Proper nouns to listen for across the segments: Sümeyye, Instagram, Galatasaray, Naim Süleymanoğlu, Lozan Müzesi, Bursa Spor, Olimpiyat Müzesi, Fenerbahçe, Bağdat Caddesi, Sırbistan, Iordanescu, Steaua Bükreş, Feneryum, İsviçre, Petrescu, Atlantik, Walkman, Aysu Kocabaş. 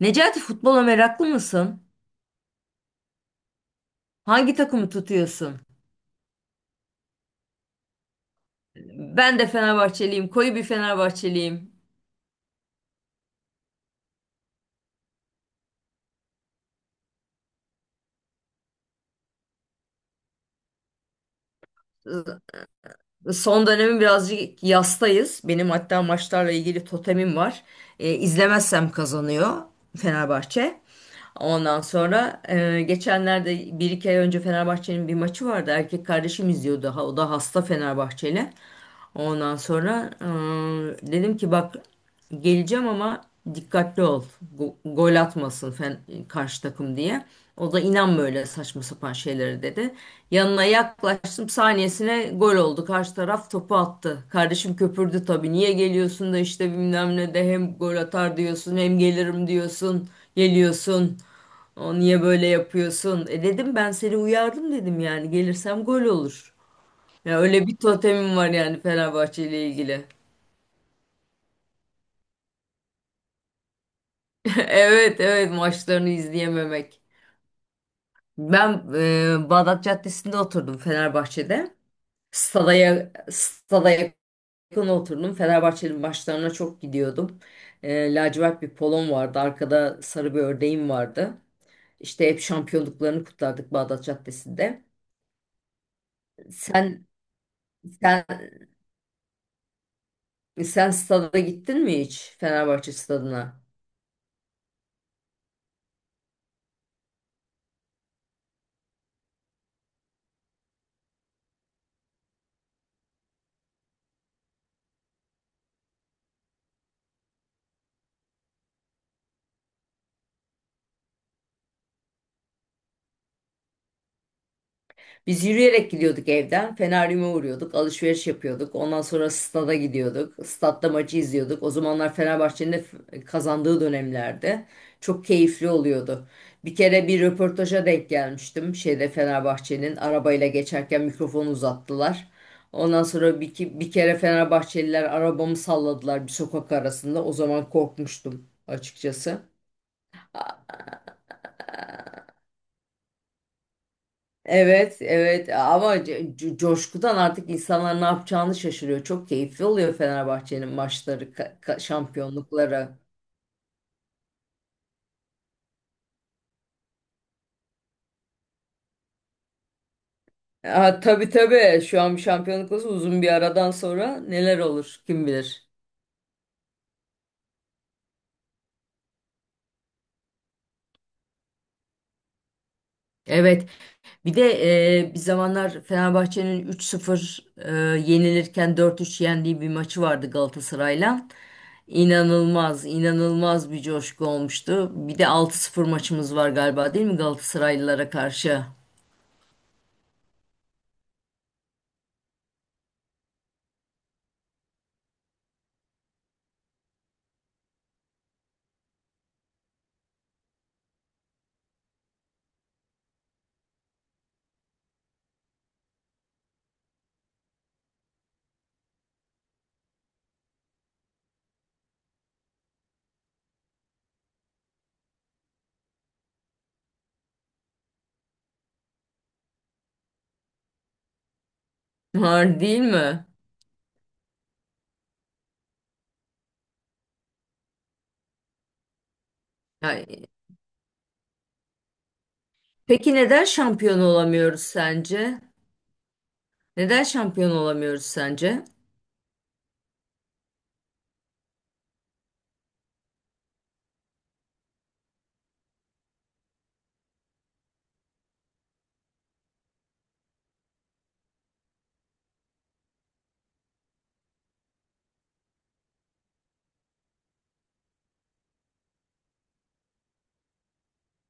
Necati futbola meraklı mısın? Hangi takımı tutuyorsun? Ben de Fenerbahçeliyim. Koyu bir Fenerbahçeliyim. Ee, Son dönemi birazcık yastayız. Benim hatta maçlarla ilgili totemim var. İzlemezsem kazanıyor Fenerbahçe. Ondan sonra geçenlerde bir iki ay önce Fenerbahçe'nin bir maçı vardı. Erkek kardeşim izliyordu. O da hasta Fenerbahçeli. Ondan sonra dedim ki bak, geleceğim ama dikkatli ol. Gol atmasın karşı takım diye. O da inan böyle saçma sapan şeylere dedi. Yanına yaklaştım, saniyesine gol oldu. Karşı taraf topu attı. Kardeşim köpürdü tabii. Niye geliyorsun da işte bilmem ne de hem gol atar diyorsun hem gelirim diyorsun. Geliyorsun. O niye böyle yapıyorsun? E dedim, ben seni uyardım dedim, yani gelirsem gol olur. Ya öyle bir totemim var yani Fenerbahçe ile ilgili. Evet, evet, maçlarını izleyememek. Ben Bağdat Caddesi'nde oturdum Fenerbahçe'de. Stada, stada yakın oturdum. Fenerbahçe'nin maçlarına çok gidiyordum. Lacivert bir polon vardı. Arkada sarı bir ördeğim vardı. İşte hep şampiyonluklarını kutlardık Bağdat Caddesi'nde. Sen sen sen stada gittin mi hiç, Fenerbahçe stadına? Biz yürüyerek gidiyorduk evden. Feneryum'a uğruyorduk. Alışveriş yapıyorduk. Ondan sonra stada gidiyorduk. Statta maçı izliyorduk. O zamanlar Fenerbahçe'nin de kazandığı dönemlerde. Çok keyifli oluyordu. Bir kere bir röportaja denk gelmiştim. Şeyde Fenerbahçe'nin arabayla geçerken mikrofonu uzattılar. Ondan sonra bir kere Fenerbahçeliler arabamı salladılar bir sokak arasında. O zaman korkmuştum açıkçası. Evet, evet ama coşkudan artık insanlar ne yapacağını şaşırıyor. Çok keyifli oluyor Fenerbahçe'nin maçları, şampiyonlukları. Ha, tabii, tabii, şu an bir şampiyonluk olsa uzun bir aradan sonra neler olur kim bilir. Evet, bir de bir zamanlar Fenerbahçe'nin 3-0 yenilirken 4-3 yendiği bir maçı vardı Galatasaray'la. İnanılmaz, inanılmaz bir coşku olmuştu. Bir de 6-0 maçımız var galiba, değil mi, Galatasaraylılara karşı? Var değil mi? Yani, peki neden şampiyon olamıyoruz sence? Neden şampiyon olamıyoruz sence?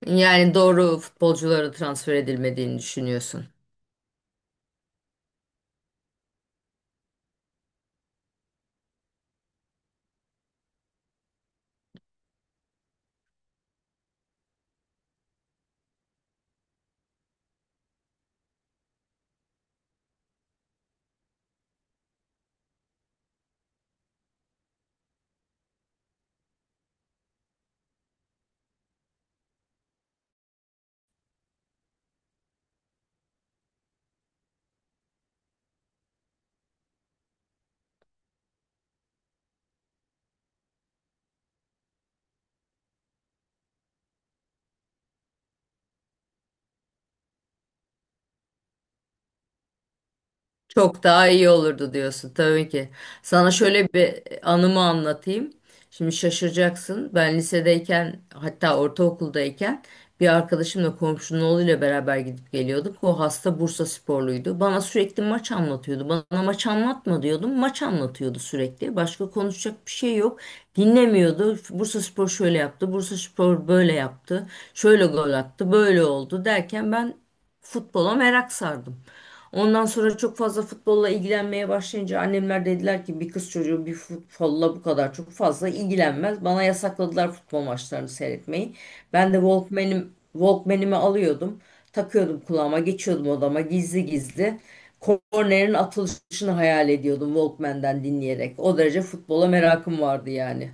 Yani doğru futbolculara transfer edilmediğini düşünüyorsun. Çok daha iyi olurdu diyorsun tabii ki. Sana şöyle bir anımı anlatayım. Şimdi şaşıracaksın. Ben lisedeyken, hatta ortaokuldayken, bir arkadaşımla komşunun oğluyla beraber gidip geliyorduk. O hasta Bursa sporluydu. Bana sürekli maç anlatıyordu. Bana maç anlatma diyordum. Maç anlatıyordu sürekli. Başka konuşacak bir şey yok. Dinlemiyordu. Bursa Spor şöyle yaptı. Bursa Spor böyle yaptı. Şöyle gol attı. Böyle oldu derken ben futbola merak sardım. Ondan sonra çok fazla futbolla ilgilenmeye başlayınca annemler dediler ki bir kız çocuğu bir futbolla bu kadar çok fazla ilgilenmez. Bana yasakladılar futbol maçlarını seyretmeyi. Ben de Walkman'imi alıyordum. Takıyordum kulağıma, geçiyordum odama gizli gizli. Kornerin atılışını hayal ediyordum Walkman'den dinleyerek. O derece futbola merakım vardı yani.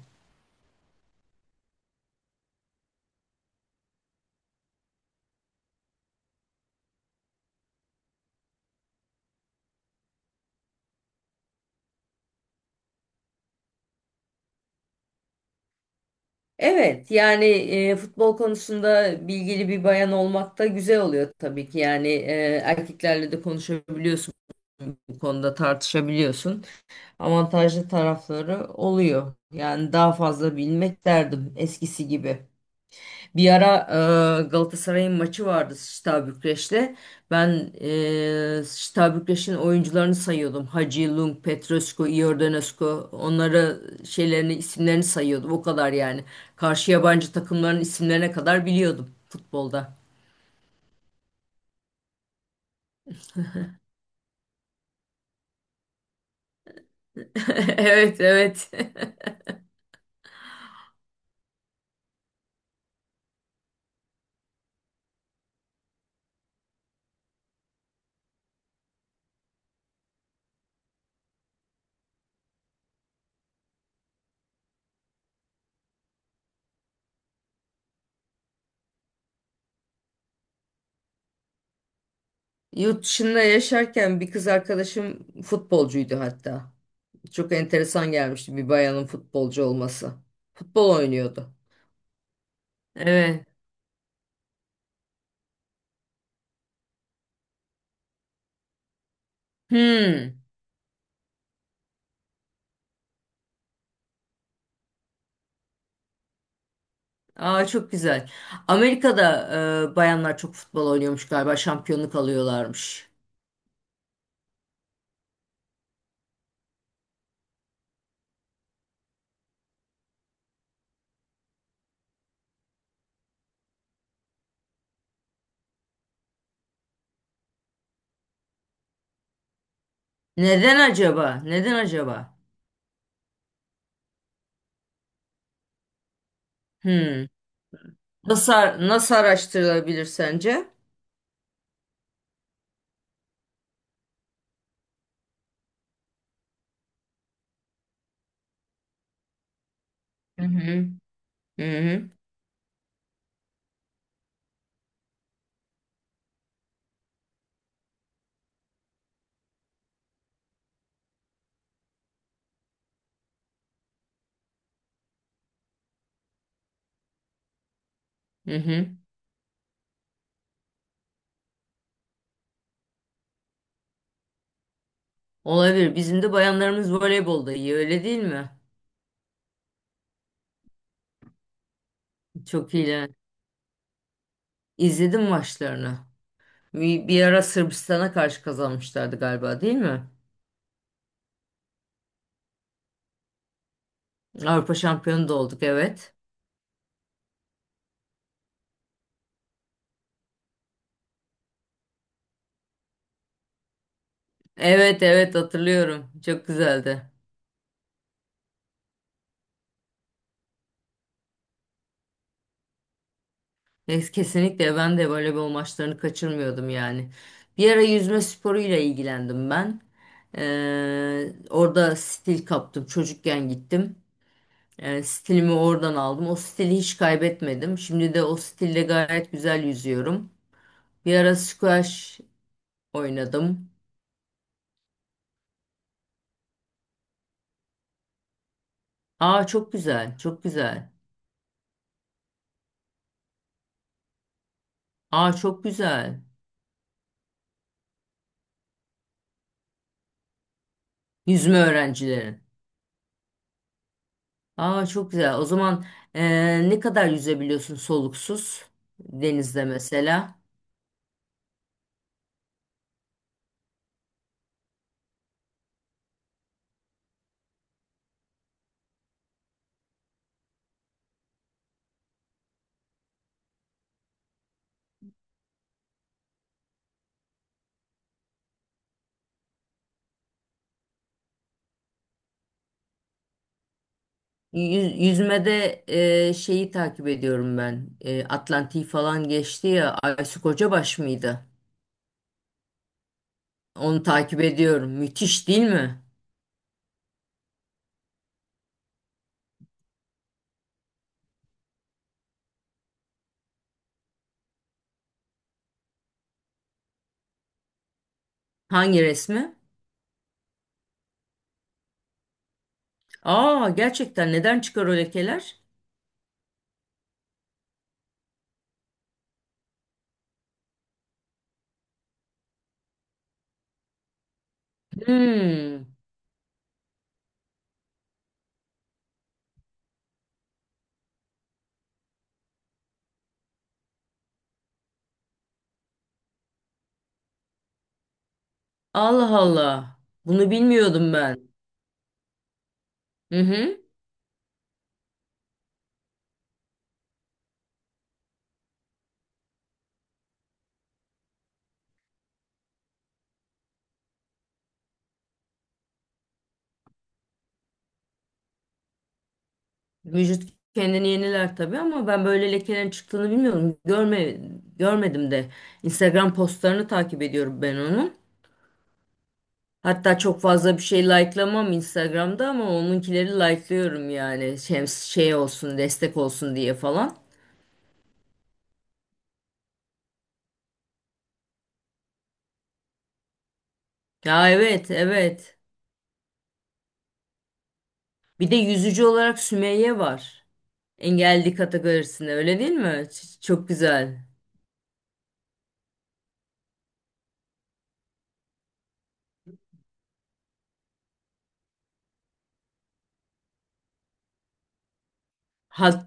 Evet yani futbol konusunda bilgili bir bayan olmak da güzel oluyor tabii ki. Yani erkeklerle de konuşabiliyorsun bu konuda, tartışabiliyorsun. Avantajlı tarafları oluyor. Yani daha fazla bilmek derdim eskisi gibi. Bir ara Galatasaray'ın maçı vardı Steaua Bükreş'te. Ben Steaua Bükreş'in oyuncularını sayıyordum. Hacı, Lung, Petrescu, Iordanescu. Onları isimlerini sayıyordum. O kadar yani. Karşı yabancı takımların isimlerine kadar biliyordum futbolda. Evet, evet. Yurt dışında yaşarken bir kız arkadaşım futbolcuydu hatta. Çok enteresan gelmişti bir bayanın futbolcu olması. Futbol oynuyordu. Evet. Hmm. Aa, çok güzel. Amerika'da bayanlar çok futbol oynuyormuş galiba. Şampiyonluk alıyorlarmış. Neden acaba? Neden acaba? Hmm. Nasıl, nasıl araştırılabilir sence? Hı hı. Hı hı. Hı hı. Olabilir. Bizim de bayanlarımız voleybolda iyi, öyle değil mi? Çok iyiler. İzledim maçlarını. Bir ara Sırbistan'a karşı kazanmışlardı galiba, değil mi? Avrupa şampiyonu da olduk, evet. Evet, evet, hatırlıyorum. Çok güzeldi. Kesinlikle ben de voleybol maçlarını kaçırmıyordum yani. Bir ara yüzme sporuyla ilgilendim ben. Orada stil kaptım. Çocukken gittim. Stilimi oradan aldım. O stili hiç kaybetmedim. Şimdi de o stille gayet güzel yüzüyorum. Bir ara squash oynadım. Aa, çok güzel, çok güzel. Aa, çok güzel. Yüzme öğrencileri. Aa, çok güzel. O zaman ne kadar yüzebiliyorsun soluksuz denizde mesela? Yüzmede şeyi takip ediyorum ben. Eee, Atlantik'i falan geçti ya. Aysu Kocabaş mıydı? Onu takip ediyorum. Müthiş değil mi? Hangi resmi? Aa, gerçekten, neden çıkar o lekeler? Hmm. Allah Allah. Bunu bilmiyordum ben. Hı hı. Vücut kendini yeniler tabii ama ben böyle lekelerin çıktığını bilmiyorum. Görmedim de. Instagram postlarını takip ediyorum ben onun. Hatta çok fazla bir şey likelamam Instagram'da ama onunkileri likelıyorum yani. Şey olsun, destek olsun diye falan. Ya, evet, evet. Bir de yüzücü olarak Sümeyye var. Engelli kategorisinde, öyle değil mi? Çok güzel. Halk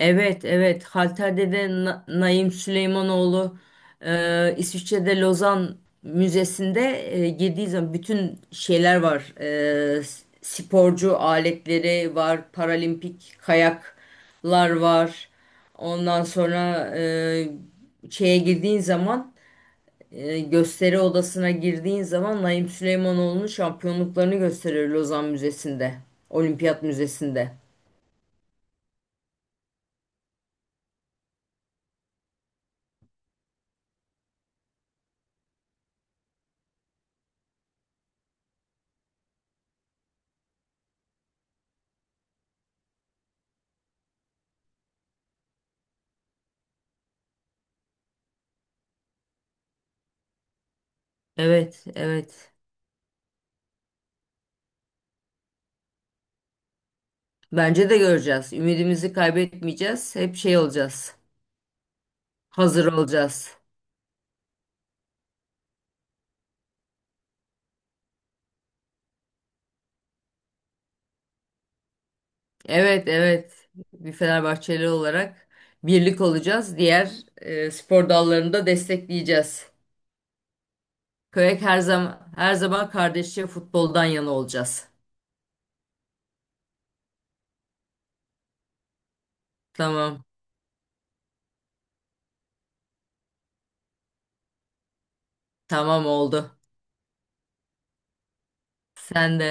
Evet, evet. Halter'de de Naim Süleymanoğlu İsviçre'de Lozan Müzesi'nde girdiği zaman bütün şeyler var. E, sporcu aletleri var, paralimpik kayaklar var. Ondan sonra şeye girdiğin zaman gösteri odasına girdiğin zaman Naim Süleymanoğlu'nun şampiyonluklarını gösteriyor Lozan Müzesi'nde, Olimpiyat Müzesi'nde. Evet, evet. Bence de göreceğiz. Ümidimizi kaybetmeyeceğiz. Hep şey olacağız. Hazır olacağız. Evet, evet. Bir Fenerbahçeli olarak birlik olacağız. Diğer spor dallarını da destekleyeceğiz. Köyek her zaman, her zaman kardeşçe futboldan yana olacağız. Tamam. Tamam oldu. Sen de.